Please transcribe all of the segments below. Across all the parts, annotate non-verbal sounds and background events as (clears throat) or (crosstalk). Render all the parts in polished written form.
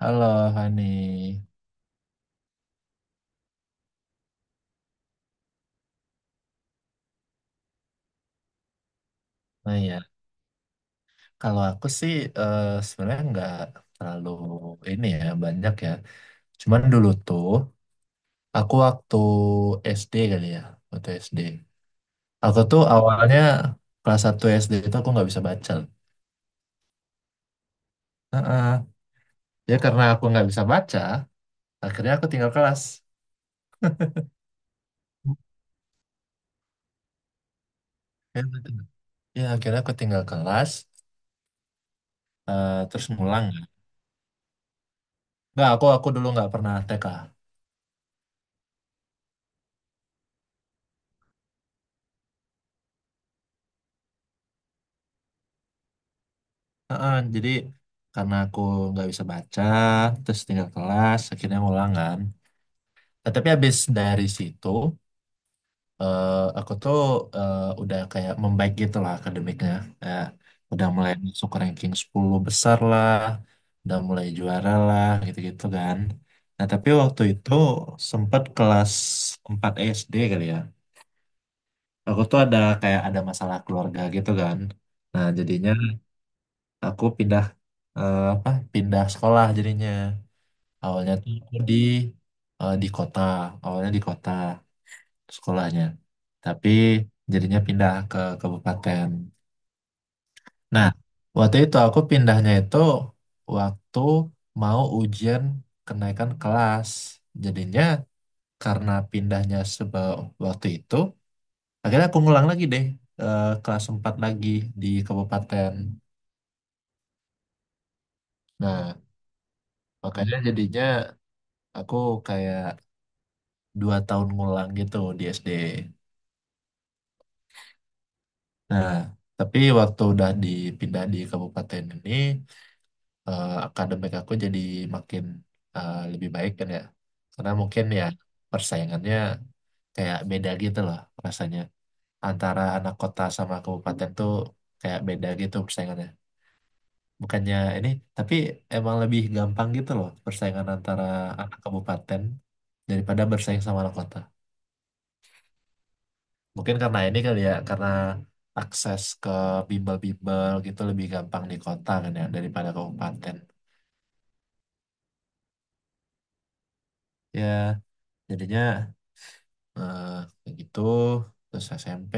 Halo, Hani. Nah ya, kalau aku sih sebenarnya nggak terlalu ini ya banyak ya. Cuman dulu tuh aku waktu SD kali ya, waktu SD. Aku tuh awalnya kelas 1 SD itu aku nggak bisa baca. Heeh. Ya karena aku nggak bisa baca, akhirnya aku tinggal kelas. Ya, betul. Ya, akhirnya aku tinggal kelas, terus ngulang. Nggak, aku dulu nggak pernah TK. Heeh, jadi karena aku nggak bisa baca, terus tinggal kelas, akhirnya ngulang kan. Nah, tapi habis dari situ, eh, aku tuh udah kayak membaik gitu lah akademiknya. Kayak udah mulai masuk ranking 10 besar lah, udah mulai juara lah, gitu-gitu kan. Nah, tapi waktu itu sempat kelas 4 SD kali ya. Aku tuh ada kayak ada masalah keluarga gitu kan. Nah, jadinya aku pindah eh, apa pindah sekolah jadinya. Awalnya tuh aku di di kota, awalnya di kota sekolahnya. Tapi jadinya pindah ke kabupaten. Nah, waktu itu aku pindahnya itu waktu mau ujian kenaikan kelas. Jadinya karena pindahnya sebab waktu itu, akhirnya aku ngulang lagi deh kelas 4 lagi di kabupaten. Nah, makanya jadinya aku kayak 2 tahun ngulang gitu di SD. Nah, tapi waktu udah dipindah di kabupaten ini, akademik aku jadi makin lebih baik kan ya. Karena mungkin ya persaingannya kayak beda gitu loh rasanya. Antara anak kota sama kabupaten tuh kayak beda gitu persaingannya. Bukannya ini, tapi emang lebih gampang gitu loh persaingan antara anak kabupaten daripada bersaing sama anak kota. Mungkin karena ini kali ya, karena akses ke bimbel-bimbel gitu lebih gampang di kota kan ya daripada kabupaten. Ya, jadinya eh, kayak gitu. Terus SMP,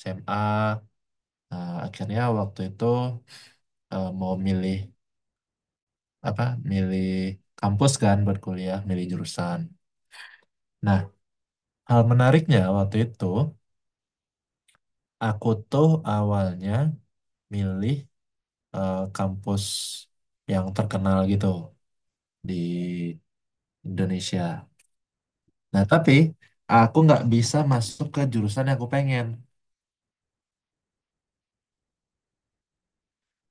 SMA, akhirnya waktu itu mau milih apa? Milih kampus kan buat kuliah, milih jurusan. Nah, hal menariknya waktu itu aku tuh awalnya milih kampus yang terkenal gitu di Indonesia. Nah, tapi aku nggak bisa masuk ke jurusan yang aku pengen.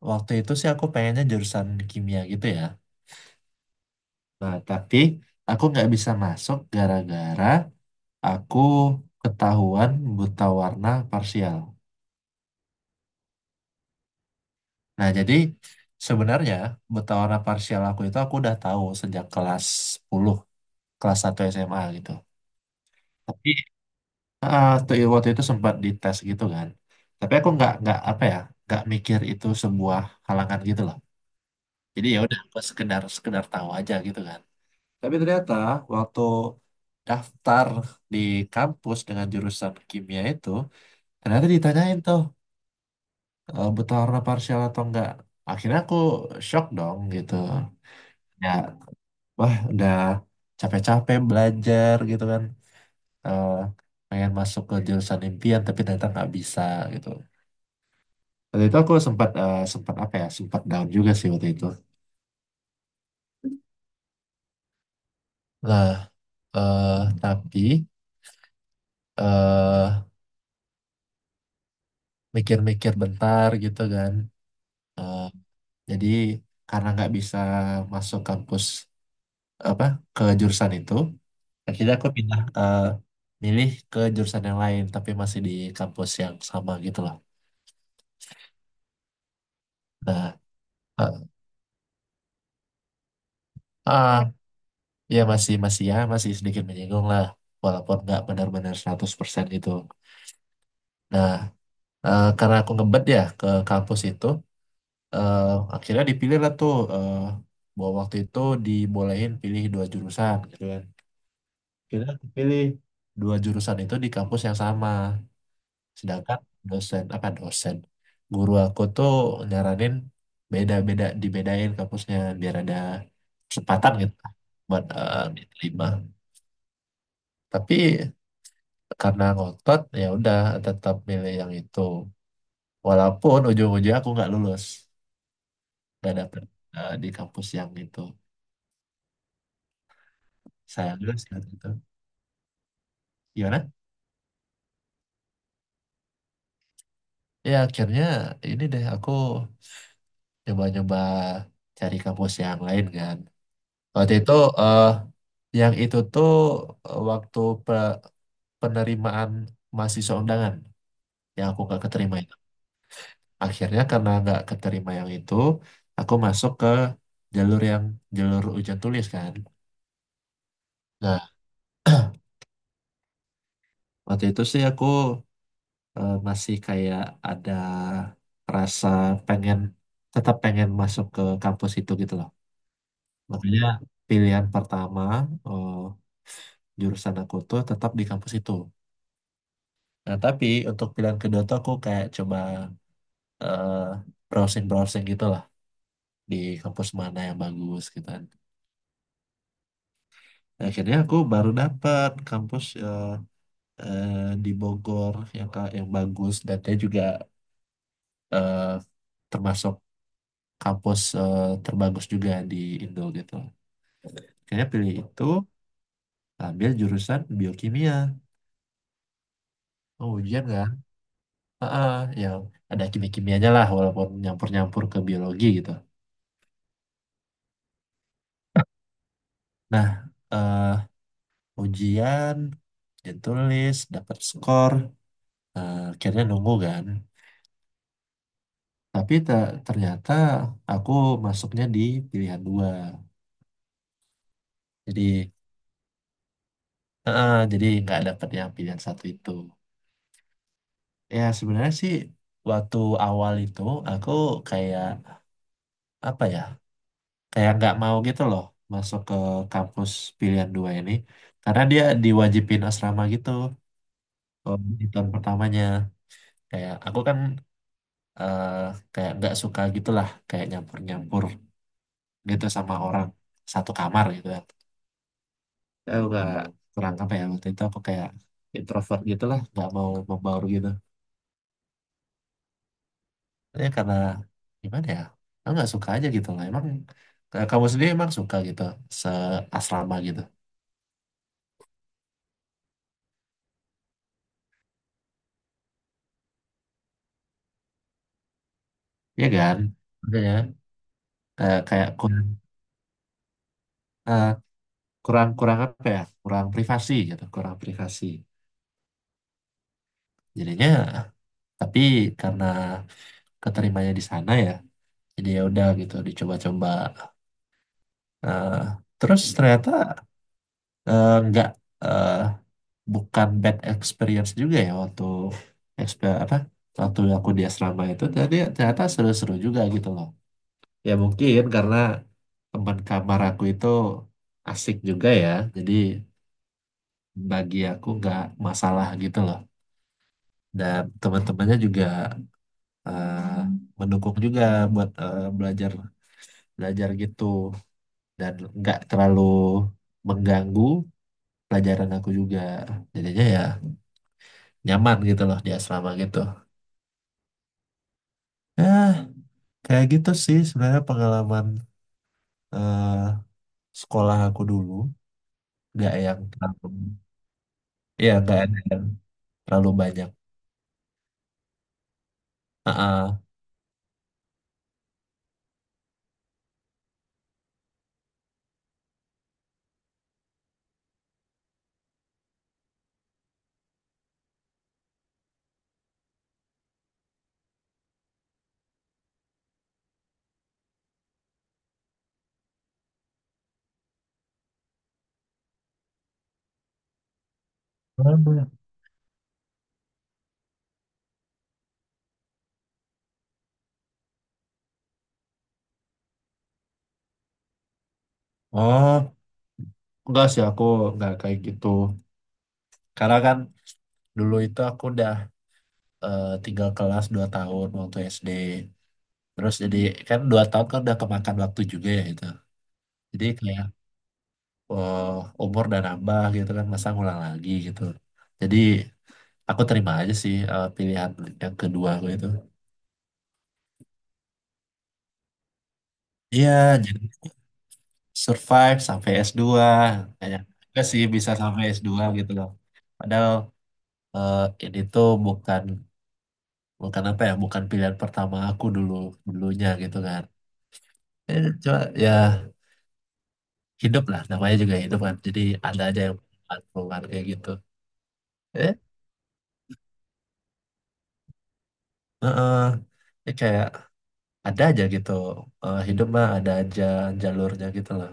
Waktu itu sih aku pengennya jurusan kimia gitu ya. Nah, tapi aku nggak bisa masuk gara-gara aku ketahuan buta warna parsial. Nah, jadi sebenarnya buta warna parsial aku itu aku udah tahu sejak kelas 10, kelas 1 SMA gitu. Tapi waktu waktu itu sempat dites gitu kan. Tapi aku nggak apa ya, nggak mikir itu sebuah halangan gitu loh. Jadi ya udah gue sekedar sekedar tahu aja gitu kan. Tapi ternyata waktu daftar di kampus dengan jurusan kimia itu ternyata ditanyain tuh e, butuh warna parsial atau enggak. Akhirnya aku shock dong gitu. Ya, wah udah capek-capek belajar gitu kan. E, Pengen masuk ke jurusan impian tapi ternyata nggak bisa gitu. Waktu itu aku sempat apa ya sempat down juga sih waktu itu. Nah, eh tapi eh mikir-mikir bentar gitu kan. Eh, jadi karena nggak bisa masuk kampus apa ke jurusan itu, akhirnya aku pindah milih ke jurusan yang lain tapi masih di kampus yang sama gitu lah. Nah, eh, ah, ya masih masih ya masih sedikit menyinggung lah walaupun nggak benar-benar 100% gitu. Nah, karena aku ngebet ya ke kampus itu, eh, akhirnya dipilih lah tuh bahwa waktu itu dibolehin pilih dua jurusan gitu kan. Kita pilih dua jurusan itu di kampus yang sama. Sedangkan dosen, apa dosen, guru aku tuh nyaranin beda-beda, dibedain kampusnya biar ada kesempatan gitu kan buat diterima. Tapi karena ngotot ya udah tetap milih yang itu. Walaupun ujung-ujungnya aku nggak lulus, nggak dapet di kampus yang itu. Sayang juga sih waktu itu. Gimana? Ya akhirnya ini deh aku nyoba-nyoba cari kampus yang lain kan. Waktu itu eh yang itu tuh waktu pe- penerimaan mahasiswa undangan yang aku nggak keterima itu. Akhirnya karena nggak keterima yang itu, aku masuk ke jalur yang jalur ujian tulis kan. Nah, (clears throat) waktu itu sih aku masih kayak ada rasa pengen tetap pengen masuk ke kampus itu gitu loh. Makanya pilihan pertama eh, jurusan aku tuh tetap di kampus itu. Nah, tapi untuk pilihan kedua tuh aku kayak coba eh, browsing-browsing gitu lah di kampus mana yang bagus gitu kan. Nah, akhirnya aku baru dapat kampus eh, di Bogor yang yang bagus dan dia juga eh, termasuk kampus terbagus juga di Indo gitu. Akhirnya pilih itu ambil jurusan biokimia. Oh, ujian kan? Heeh, yang ada kimia-kimianya lah walaupun nyampur-nyampur ke biologi gitu. Nah, eh, ujian ujian tulis dapat skor. Akhirnya nunggu kan, tapi ternyata aku masuknya di pilihan dua, jadi jadi nggak dapet yang pilihan satu itu. Ya sebenarnya sih waktu awal itu aku kayak apa ya kayak nggak mau gitu loh masuk ke kampus pilihan dua ini karena dia diwajibin asrama gitu oh, di tahun pertamanya. Kayak aku kan eh kayak nggak suka gitulah kayak nyampur-nyampur gitu sama orang satu kamar gitu kan. Aku nggak kurang apa ya, waktu itu aku kayak introvert gitulah, nggak mau membaur gitu. Ya karena gimana ya, aku nggak suka aja gitu lah emang. Kamu sendiri emang suka gitu seasrama gitu? Ya kan, makanya kayak kayak kurang eh, kurang kurang apa ya, kurang privasi gitu, kurang privasi jadinya. Tapi karena keterimanya di sana ya, jadi ya udah gitu dicoba-coba. Eh, Terus ternyata eh, nggak eh, bukan bad experience juga ya waktu exper- apa waktu aku di asrama itu, jadi ternyata seru-seru juga gitu loh. Ya mungkin karena teman kamar aku itu asik juga ya, jadi bagi aku nggak masalah gitu loh. Dan teman-temannya juga eh, mendukung juga buat belajar belajar gitu, dan nggak terlalu mengganggu pelajaran aku juga, jadinya ya nyaman gitu loh di asrama gitu. Ya kayak gitu sih sebenarnya pengalaman eh, sekolah aku dulu. Nggak yang terlalu, ya nggak ada yang terlalu banyak. Ah, ah. Oh, enggak sih, aku nggak kayak gitu karena kan dulu itu aku udah tinggal kelas 2 tahun waktu SD, terus jadi kan 2 tahun kan udah kemakan waktu juga ya itu. Jadi kayak eh, umur dan nambah gitu kan, masa ngulang lagi gitu. Jadi aku terima aja sih pilihan yang kedua aku itu. Iya, jadi survive sampai S2. Kayak enggak sih bisa sampai S2 gitu loh, padahal eh, ini tuh bukan bukan apa ya, bukan pilihan pertama aku dulu dulunya gitu kan. Cuma ya hidup lah, namanya juga hidup kan, jadi ada aja yang keluar kayak gitu. eh eh, eh. Ini kayak ada aja gitu, hidup mah ada aja jalurnya gitu loh.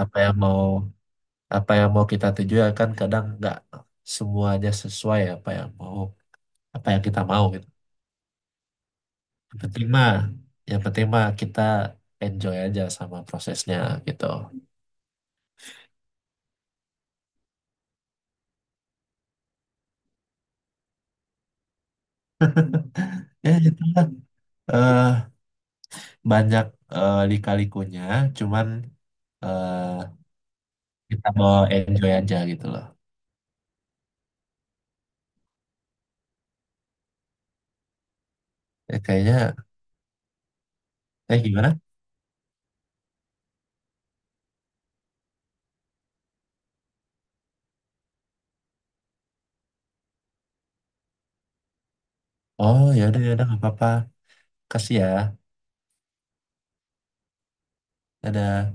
apa yang mau Apa yang mau kita tuju ya kan, kadang nggak semuanya sesuai apa yang mau, apa yang kita mau gitu. Yang penting mah yang penting mah kita enjoy aja sama prosesnya gitu. (laughs) Ya gitu lah. Eh, Banyak lika-likunya, cuman eh, kita mau enjoy aja gitu loh. Ya, kayaknya gimana. Oh, ya udah nggak apa-apa, kasih ya. Dadah.